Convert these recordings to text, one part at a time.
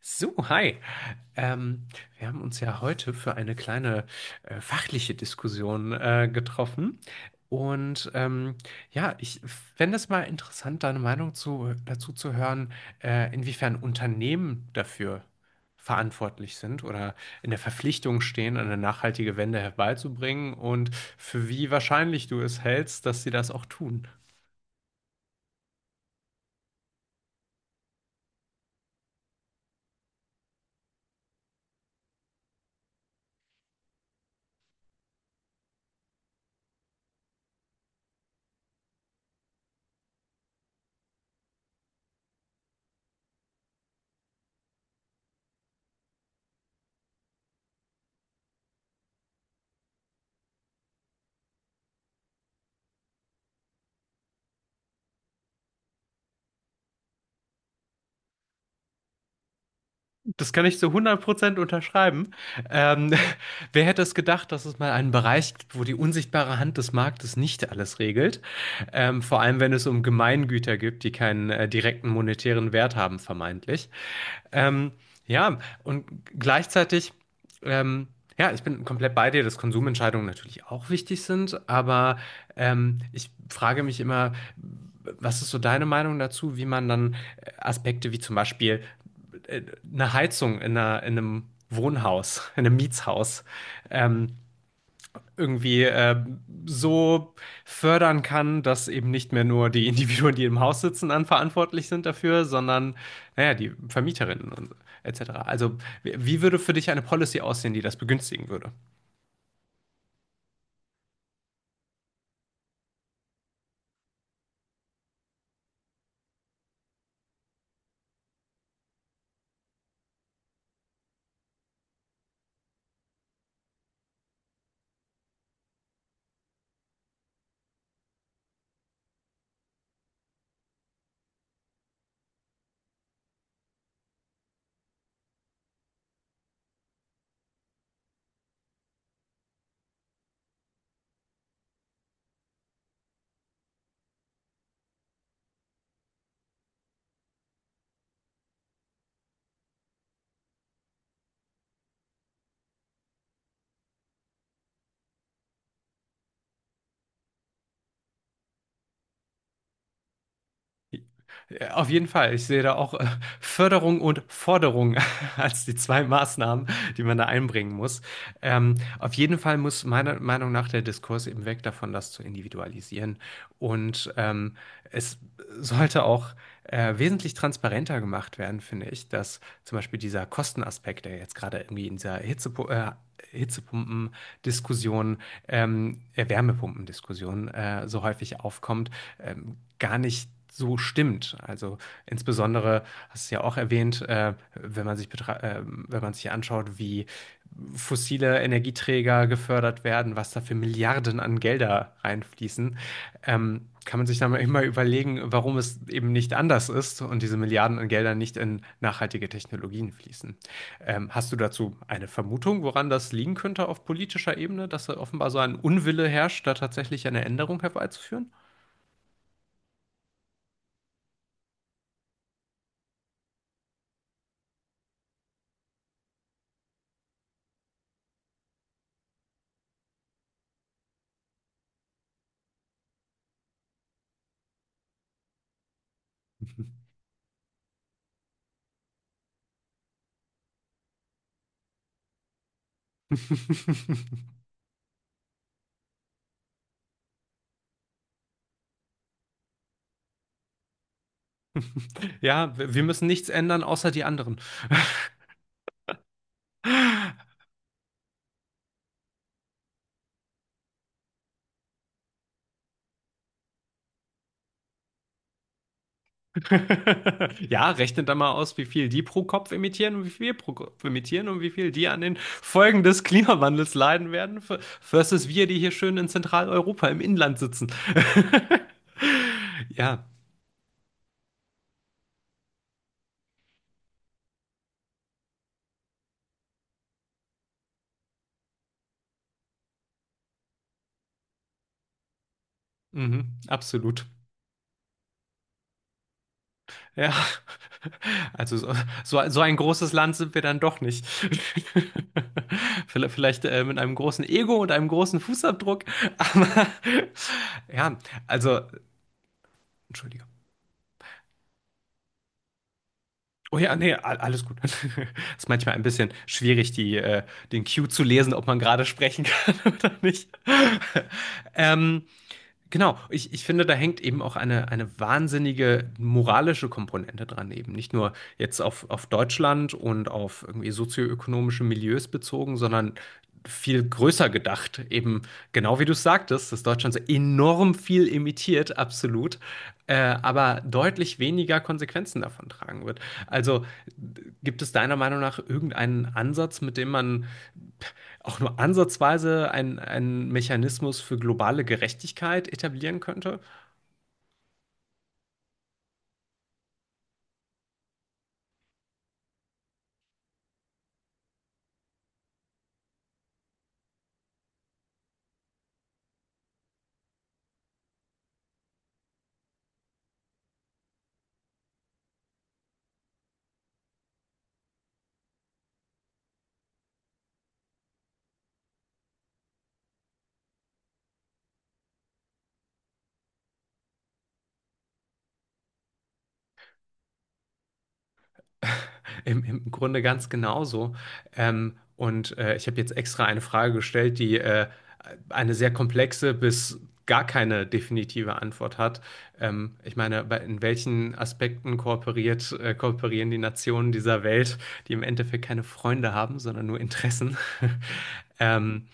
So, hi. Ähm, Wir haben uns ja heute für eine kleine fachliche Diskussion getroffen. Und ja, ich fände es mal interessant, deine Meinung dazu zu hören, inwiefern Unternehmen dafür verantwortlich sind oder in der Verpflichtung stehen, eine nachhaltige Wende herbeizubringen und für wie wahrscheinlich du es hältst, dass sie das auch tun. Das kann ich zu hundert Prozent unterschreiben. Ähm, Wer hätte es gedacht, dass es mal einen Bereich gibt, wo die unsichtbare Hand des Marktes nicht alles regelt? Vor allem, wenn es um Gemeingüter gibt, die keinen direkten monetären Wert haben, vermeintlich. Ähm, ja, und gleichzeitig, ähm, ja, ich bin komplett bei dir, dass Konsumentscheidungen natürlich auch wichtig sind, aber ich frage mich immer, was ist so deine Meinung dazu, wie man dann Aspekte wie zum Beispiel äh, eine Heizung in einem Wohnhaus, in einem Mietshaus, ähm, irgendwie äh, so fördern kann, dass eben nicht mehr nur die Individuen, die im Haus sitzen, dann verantwortlich sind dafür, sondern naja, die Vermieterinnen und etc. Also wie würde für dich eine Policy aussehen, die das begünstigen würde? Ja, auf jeden Fall. Ich sehe da auch Förderung und Forderung als die zwei Maßnahmen, die man da einbringen muss. Auf jeden Fall muss meiner Meinung nach der Diskurs eben weg davon, das zu individualisieren. Und es sollte auch wesentlich transparenter gemacht werden, finde ich, dass zum Beispiel dieser Kostenaspekt, der jetzt gerade irgendwie in dieser Wärmepumpen-Diskussion so häufig aufkommt, gar nicht so stimmt. Also insbesondere, hast du ja auch erwähnt, wenn man sich anschaut, wie fossile Energieträger gefördert werden, was da für Milliarden an Gelder reinfließen, kann man sich dann immer überlegen, warum es eben nicht anders ist und diese Milliarden an Geldern nicht in nachhaltige Technologien fließen. Hast du dazu eine Vermutung, woran das liegen könnte auf politischer Ebene, dass da offenbar so ein Unwille herrscht, da tatsächlich eine Änderung herbeizuführen? Ja, wir müssen nichts ändern, außer die anderen. Ja, rechnet dann mal aus, wie viel die pro Kopf emittieren und wie viel wir pro Kopf emittieren und wie viel die an den Folgen des Klimawandels leiden werden, versus wir, die hier schön in Zentraleuropa im Inland sitzen. Ja, mhm, absolut. Ja, also so, so ein großes Land sind wir dann doch nicht. Vielleicht, vielleicht mit einem großen Ego und einem großen Fußabdruck, aber ja, also, Entschuldigung. Oh ja, nee, alles gut. Ist manchmal ein bisschen schwierig, den Cue zu lesen, ob man gerade sprechen kann oder nicht. Ähm, ich finde, da hängt eben auch eine wahnsinnige moralische Komponente dran, eben nicht nur jetzt auf Deutschland und auf irgendwie sozioökonomische Milieus bezogen, sondern viel größer gedacht. Eben genau wie du es sagtest, dass Deutschland so enorm viel emittiert, absolut, aber deutlich weniger Konsequenzen davon tragen wird. Also gibt es deiner Meinung nach irgendeinen Ansatz, mit dem man auch nur ansatzweise einen Mechanismus für globale Gerechtigkeit etablieren könnte. Im Grunde ganz genauso. Ich habe jetzt extra eine Frage gestellt, die eine sehr komplexe bis gar keine definitive Antwort hat. Ich meine, in welchen Aspekten kooperieren die Nationen dieser Welt, die im Endeffekt keine Freunde haben, sondern nur Interessen? ähm,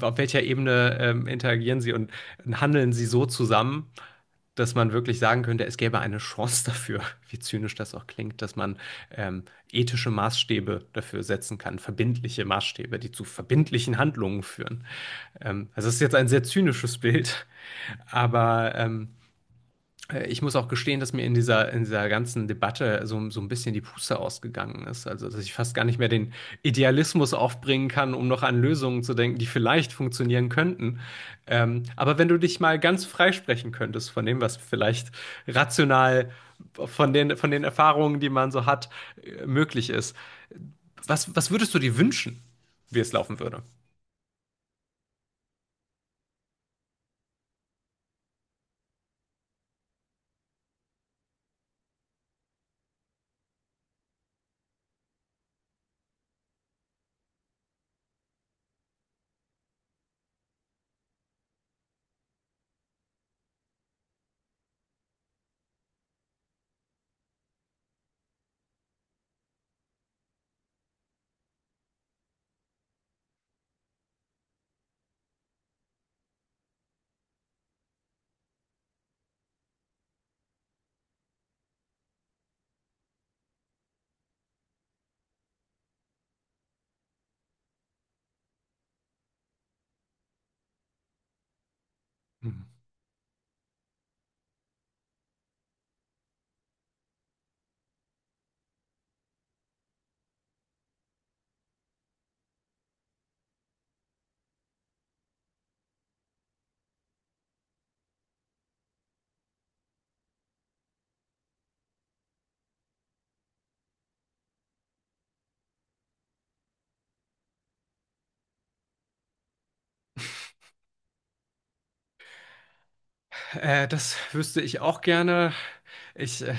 auf welcher Ebene interagieren sie und handeln sie so zusammen, dass man wirklich sagen könnte, es gäbe eine Chance dafür, wie zynisch das auch klingt, dass man ähm, ethische Maßstäbe dafür setzen kann, verbindliche Maßstäbe, die zu verbindlichen Handlungen führen. Also es ist jetzt ein sehr zynisches Bild, aber ich muss auch gestehen, dass mir in dieser ganzen Debatte so, so ein bisschen die Puste ausgegangen ist. Also, dass ich fast gar nicht mehr den Idealismus aufbringen kann, um noch an Lösungen zu denken, die vielleicht funktionieren könnten. Aber wenn du dich mal ganz freisprechen könntest von dem, was vielleicht rational von den Erfahrungen, die man so hat, möglich ist, was würdest du dir wünschen, wie es laufen würde? Mhm. Das wüsste ich auch gerne. Ich, äh,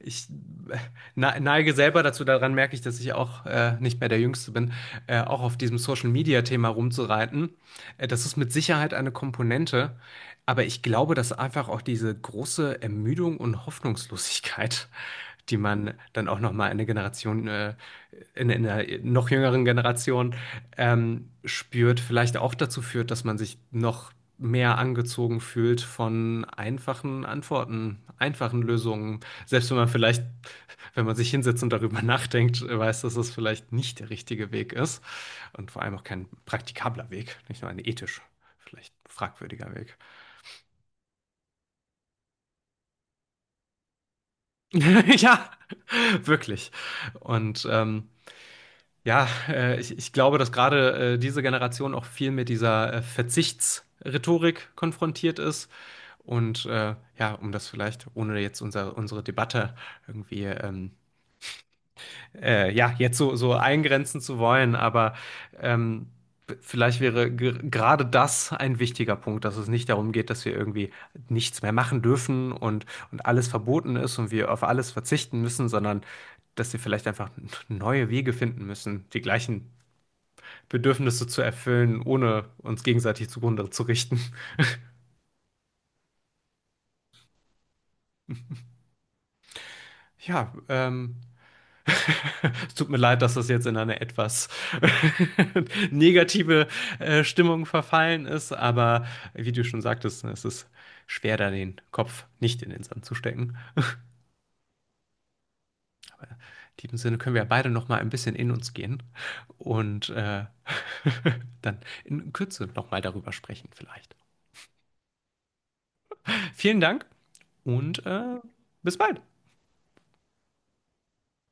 ich äh, neige selber dazu, daran merke ich, dass ich auch nicht mehr der Jüngste bin, auch auf diesem Social-Media-Thema rumzureiten. Das ist mit Sicherheit eine Komponente, aber ich glaube, dass einfach auch diese große Ermüdung und Hoffnungslosigkeit die man dann auch noch mal eine in einer noch jüngeren Generation spürt, vielleicht auch dazu führt, dass man sich noch mehr angezogen fühlt von einfachen Antworten, einfachen Lösungen. Selbst wenn man vielleicht, wenn man sich hinsetzt und darüber nachdenkt, weiß, dass es vielleicht nicht der richtige Weg ist und vor allem auch kein praktikabler Weg, nicht nur ein ethisch vielleicht fragwürdiger Weg. Ja, wirklich. Und ähm, ich glaube, dass gerade diese Generation auch viel mit dieser Verzichtsrhetorik konfrontiert ist. Ja, um das vielleicht, ohne jetzt unsere Debatte irgendwie so eingrenzen zu wollen, aber ähm, vielleicht wäre gerade das ein wichtiger Punkt, dass es nicht darum geht, dass wir irgendwie nichts mehr machen dürfen und alles verboten ist und wir auf alles verzichten müssen, sondern dass wir vielleicht einfach neue Wege finden müssen, die gleichen Bedürfnisse zu erfüllen, ohne uns gegenseitig zugrunde zu richten. Ja, es tut mir leid, dass das jetzt in eine etwas negative Stimmung verfallen ist, aber wie du schon sagtest, ne, es ist schwer, da den Kopf nicht in den Sand zu stecken. In diesem Sinne können wir ja beide noch mal ein bisschen in uns gehen und dann in Kürze noch mal darüber sprechen vielleicht. Vielen Dank und bis bald.